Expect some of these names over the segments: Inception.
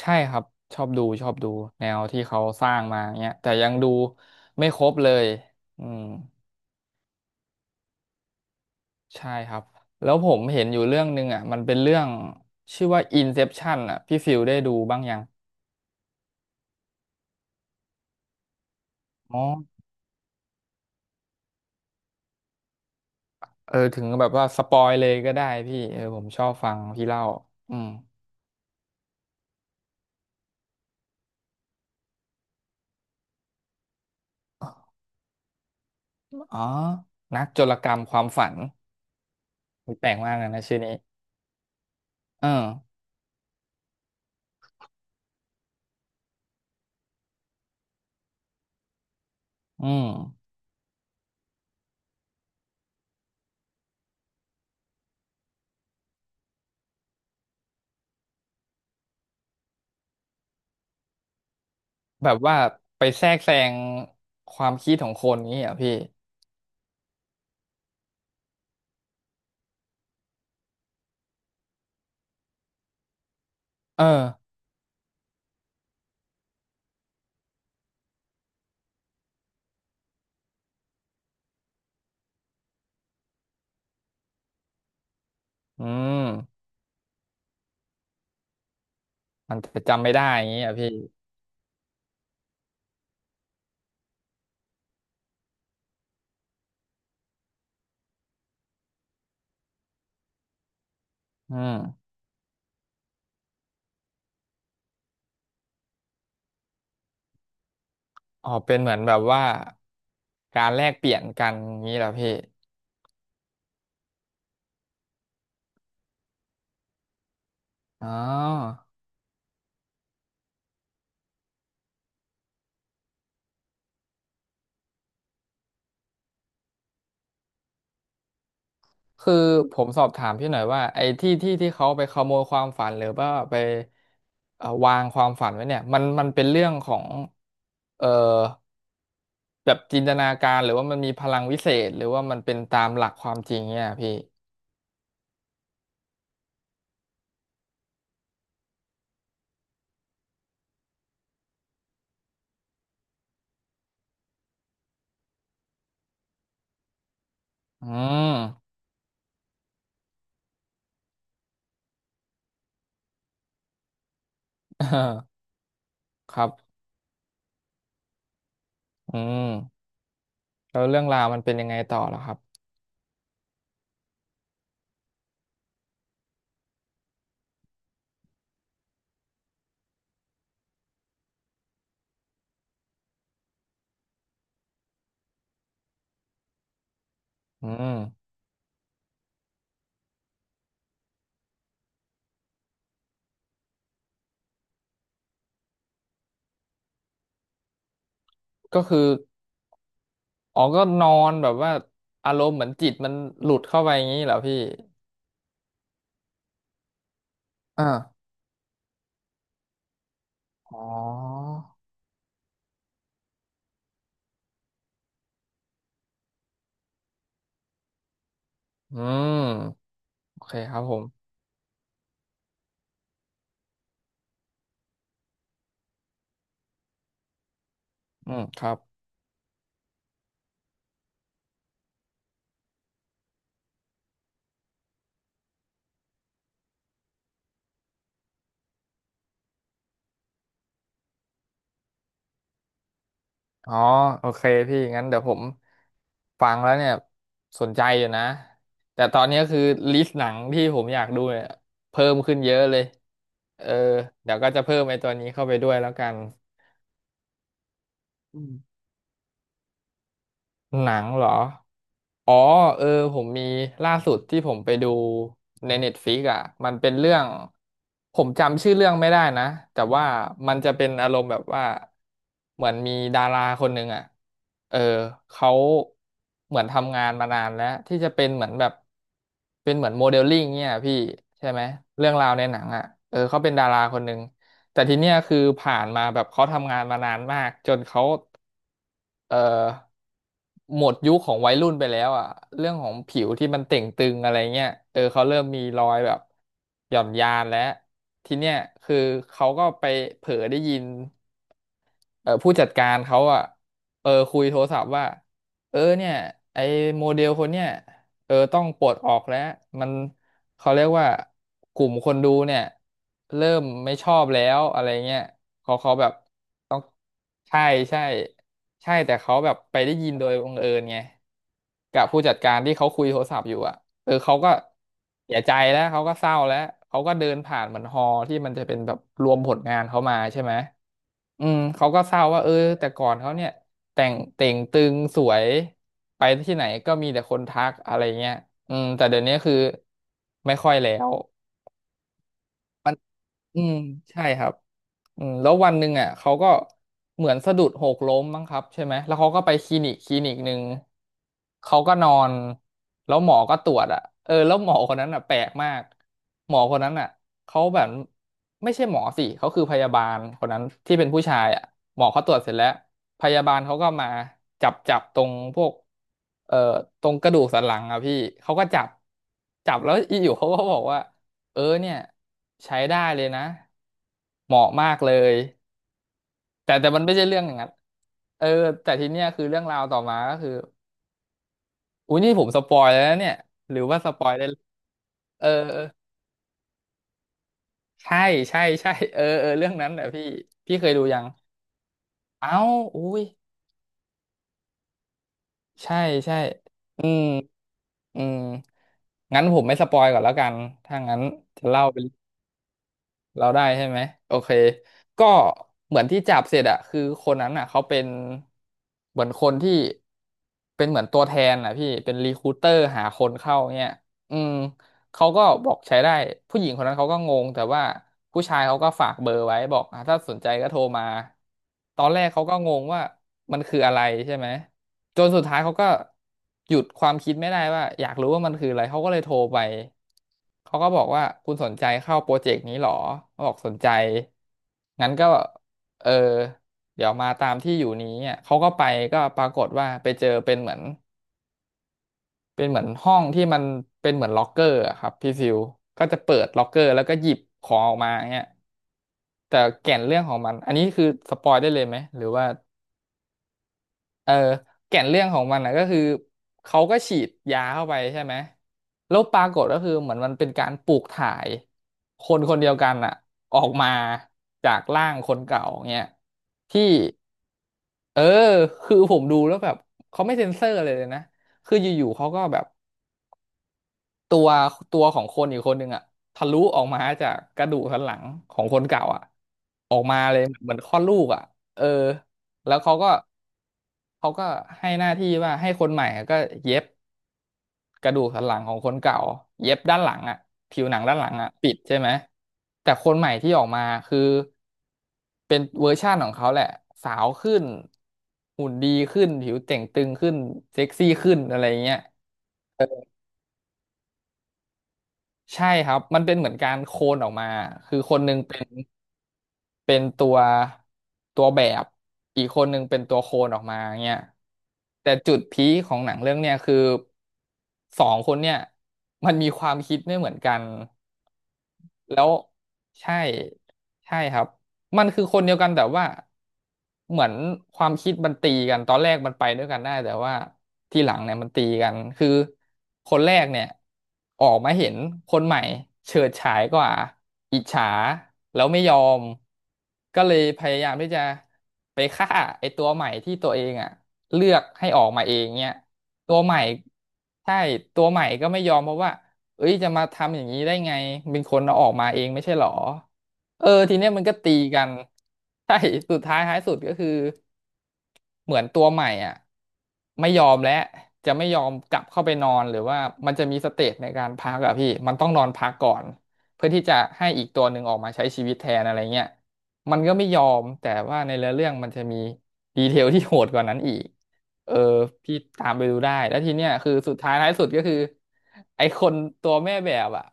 ใช่ครับชอบดูชอบดูแนวที่เขาสร้างมาเนี้ยแต่ยังดูไม่ครบเลยอืมใช่ครับแล้วผมเห็นอยู่เรื่องหนึ่งอ่ะมันเป็นเรื่องชื่อว่า Inception อ่ะพี่ฟิลได้ดูบ้างยังอ๋อเออถึงแบบว่าสปอยเลยก็ได้พี่เออผมชอบฟังพี่เล่าอืมอ๋อนักโจรกรรมความฝันอุ๊ยแปลกมากเลยนะชื่อนี้เอออืมแบบว่าไปแทรกแซงความคิดของคนนี้เหรอ่ะพี่เอออืม มันจะจำไม่ได้อย่างนี้อ่ะพี่อืมอ๋อเป็นเหมือนแบบว่าการแลกเปลี่ยนกันอย่างนี้เหรอพี่อ๋อคือผมสอบถามพี่หน่อยว่าไอ้ที่เขาไปขโมยความฝันหรือว่าไปวางความฝันไว้เนี่ยมันเป็นเรื่องของเอ่อแบบจินตนาการหรือว่ามันมีพลังวิเศษหรือว่ามันเป็นตามหลักความจริงเนี่ยพี่อืม ครับอืมแล้วเรื่องราวมันเป็นยังไงต่อเหรอครับอืมก็คือ อ๋อก็นอนแบบว่าอารมณ์เหมือนจิตมันหลุดเข้าไปอย่างนี้เหรอพี่อ่าอ๋ออืมโอเคครับผมอืมครับอ๋อโอเคพี่งั้นเดี๋ยวผมฟังแล้วเนี่ยสนใจอยู่นะแต่ตอนนี้คือลิสต์หนังที่ผมอยากดูเนี่ยเพิ่มขึ้นเยอะเลยเออเดี๋ยวก็จะเพิ่มไอ้ตัวนี้เข้าไปด้วยแล้วกันอืมหนังเหรอ อ๋อเออผมมีล่าสุดที่ผมไปดูใน n e t f ฟ i ิกอ่ะมันเป็นเรื่องผมจำชื่อเรื่องไม่ได้นะแต่ว่ามันจะเป็นอารมณ์แบบว่าเหมือนมีดาราคนหนึ่งอ่ะเออเขาเหมือนทำงานมานานแล้วที่จะเป็นเหมือนแบบเป็นเหมือนโมเดลลิ่งเนี่ยพี่ใช่ไหมเรื่องราวในหนังอ่ะเออเขาเป็นดาราคนหนึ่งแต่ทีเนี้ยคือผ่านมาแบบเขาทำงานมานานมากจนเขา เอ่อหมดยุคของวัยรุ่นไปแล้วอ่ะเรื่องของผิวที่มันเต่งตึงอะไรเงี้ยเออเขาเริ่มมีรอยแบบหย่อนยานแล้วทีเนี้ยคือเขาก็ไปเผลอได้ยินเออผู้จัดการเขาอ่ะเออคุยโทรศัพท์ว่าเออเนี่ยไอ้โมเดลคนเนี้ยเออต้องปลดออกแล้วมันเขาเรียกว่ากลุ่มคนดูเนี่ยเริ่มไม่ชอบแล้วอะไรเงี้ยเขาเขาแบบ ใช่ใช่ใช่แต่เขาแบบไปได้ยินโดยบังเอิญไงกับผู้จัดการที่เขาคุยโทรศัพท์อยู่อ่ะเออเขาก็เสียใจแล้วเขาก็เศร้าแล้วเขาก็เดินผ่านเหมือนฮอลล์ที่มันจะเป็นแบบรวมผลงานเขามาใช่ไหมอืมเขาก็เศร้าว่าเออแต่ก่อนเขาเนี่ยแต่งเต่งตึงสวยไปที่ไหนก็มีแต่คนทักอะไรเงี้ยอืมแต่เดี๋ยวนี้คือไม่ค่อยแล้ว อืมใช่ครับอืมแล้ววันหนึ่งอ่ะเขาก็เหมือนสะดุดหกล้มมั้งครับใช่ไหมแล้วเขาก็ไปคลินิกคลินิกหนึ่งเขาก็นอนแล้วหมอก็ตรวจอ่ะเออแล้วหมอคนนั้นอ่ะแปลกมากหมอคนนั้นอ่ะเขาแบบไม่ใช่หมอสิเขาคือพยาบาลคนนั้นที่เป็นผู้ชายอ่ะหมอเขาตรวจเสร็จแล้วพยาบาลเขาก็มาจับจับตรงพวกเอ่อตรงกระดูกสันหลังอ่ะพี่เขาก็จับจับแล้วอยู่เขาก็บอกว่า เออเนี่ยใช้ได้เลยนะเหมาะมากเลยแต่มันไม่ใช่เรื่องอย่างนั้นเออแต่ทีเนี้ยคือเรื่องราวต่อมาก็คืออุ้ยนี่ผมสปอยแล้วนะเนี่ยหรือว่าสปอยได้เออเออใช่ใช่ใช่เออเออเรื่องนั้นแหละพี่พี่เคยดูยังเอ้าอุ้ยใช่ใช่อืมอืมงั้นผมไม่สปอยก่อนแล้วกันถ้างั้นจะเล่าเป เราได้ใช่ไหมโอเคก็เหมือนที่จับเสร็จอะคือคนนั้นอะเขาเป็นเหมือนคนที่เป็นเหมือนตัวแทนอะพี่เป็นรีคูเตอร์หาคนเข้าเนี้ยอืมเขาก็บอกใช้ได้ผู้หญิงคนนั้นเขาก็งงแต่ว่าผู้ชายเขาก็ฝากเบอร์ไว้บอกอ่ะถ้าสนใจก็โทรมาตอนแรกเขาก็งงว่ามันคืออะไรใช่ไหม จนสุดท้ายเขาก็หยุดความคิดไม่ได้ว่าอยากรู้ว่ามันคืออะไรเขาก็เลยโทรไปเขาก็บอกว่าคุณสนใจเข้าโปรเจกต์นี้หรอเขาบอกสนใจงั้นก็เออเดี๋ยวมาตามที่อยู่นี้อ่ะเขาก็ไปก็ปรากฏว่าไปเจอเป็นเหมือนเป็นเหมือนห้องที่มันเป็นเหมือนล็อกเกอร์อะครับพี่ฟิวก็จะเปิดล็อกเกอร์แล้วก็หยิบของออกมาเงี้ยแต่แก่นเรื่องของมันอันนี้คือสปอยได้เลยไหมหรือว่า เออแก่นเรื่องของมันนะก็คือเขาก็ฉีดยาเข้าไปใช่ไหมแล้วปรากฏก็คือเหมือนมันเป็นการปลูกถ่ายคนคนเดียวกันอะออกมาจากร่างคนเก่าเงี้ยที่เออคือผมดูแล้วแบบเขาไม่เซ็นเซอร์เลยนะคืออยู่ๆเขาก็แบบ ตัวตัวของคนอีกคนหนึ่งอะทะลุออกมาจากกระดูกสันหลังของคนเก่าอะออกมาเลยเหมือนคลอดลูกอะเออแล้วเขาก็ให้หน้าที่ว่าให้คนใหม่อะก็เย็บกระดูกสันหลังของคนเก่าเย็บด้านหลังอะผิวหนังด้านหลังอะปิดใช่ไหมแต่คนใหม่ที่ออกมาคือเป็นเวอร์ชั่นของเขาแหละสาวขึ้นหุ่นดีขึ้นผิวเต่งตึงขึ้นเซ็กซี่ขึ้นอะไรเงี้ย ใช่ครับมันเป็นเหมือนการโคลนออกมาคือคนหนึ่งเป็นเป็นตัวตัวแบบอีกคนหนึ่งเป็นตัวโคลนออกมาเงี้ยแต่จุดพีคของหนังเรื่องเนี้ยคือสองคนเนี่ยมันมีความคิดไม่เหมือนกันแล้วใช่ใช่ครับมันคือคนเดียวกันแต่ว่า เหมือนความคิดมันตีกันตอนแรกมันไปด้วยกันได้แต่ว่าทีหลังเนี่ยมันตีกันคือคนแรกเนี่ยออกมาเห็นคนใหม่เฉิดฉายกว่าอิจฉาแล้วไม่ยอมก็เลยพยายามที่จะไปฆ่าไอ้ตัวใหม่ที่ตัวเองอ่ะเลือกให้ออกมาเองเนี่ยตัวใหม่ใช่ตัวใหม่ก็ไม่ยอมเพราะว่าเอ้ยจะมาทำอย่างนี้ได้ไงเป็นคนเอาออกมาเองไม่ใช่หรอ เออทีเนี้ยมันก็ตีกันใช่สุดท้ายท้ายสุดก็คือเหมือนตัวใหม่อ่ะไม่ยอมแล้วจะไม่ยอมกลับเข้าไปนอนหรือว่ามันจะมีสเตจในการพักอะพี่มันต้องนอนพักก่อนเพื่อที่จะให้อีกตัวหนึ่งออกมาใช้ชีวิตแทนอะไรเงี้ยมันก็ไม่ยอมแต่ว่าในเนื้อเรื่องมันจะมีดีเทลที่โหดกว่านั้นอีกเออพี่ตามไปดูได้แล้วทีเนี้ยคือสุดท้ายท้ายสุดก็คือไอคนตัวแม่แบบอ่ะ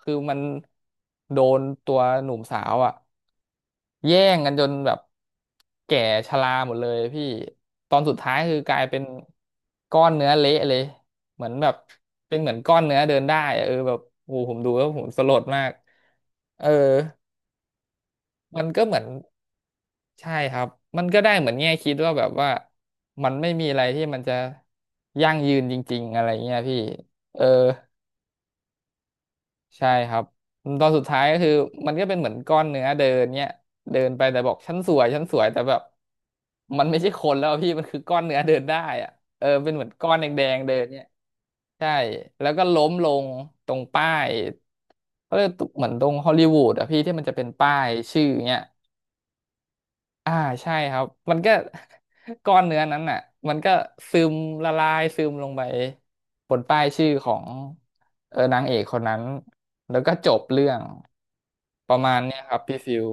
คือมันโดนตัวหนุ่มสาวอ่ะ แย่งกันจนแบบแก่ชราหมดเลยพี่ตอนสุดท้ายคือกลายเป็นก้อนเนื้อเละเลยเหมือนแบบเป็นเหมือนก้อนเนื้อเดินได้อะเออแบบโอ้โหผมดูแล้วผมสลดมากเออมันก็เหมือนใช่ครับมันก็ได้เหมือนแง่คิดว่าแบบว่ามันไม่มีอะไรที่มันจะยั่งยืนจริงๆอะไรเงี้ยพี่เออ ใช่ครับตอนสุดท้ายก็คือมันก็เป็นเหมือนก้อนเนื้อเดินเนี่ยเดินไปแต่บอกฉันสวยฉันสวยแต่แบบมันไม่ใช่คนแล้วอะพี่มันคือก้อนเนื้อเดินได้อะเออเป็นเหมือนก้อนแดงๆเดินเนี่ยใช่แล้วก็ล้มลงตรงป้ายเขาเรียกเหมือนตรงฮอลลีวูดอะพี่ที่มันจะเป็นป้ายชื่อเนี่ย อ่าใช่ครับมันก็ ก้อนเนื้อนั้นน่ะมันก็ซึมละลายซึมลงไปบนป้ายชื่อของเออนางเอกคนนั้นแล้วก็จบเรื่องประมาณเนี้ยครับพี่ฟิว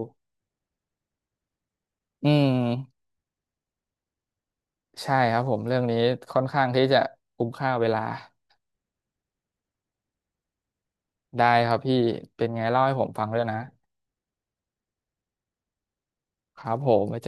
อืมใช่ครับผมเรื่องนี้ค่อนข้างที่จะคุ้มค่าเวลาได้ครับพี่เป็นไงเล่าให้ผมฟังด้วยนะครับผมไว้เจอ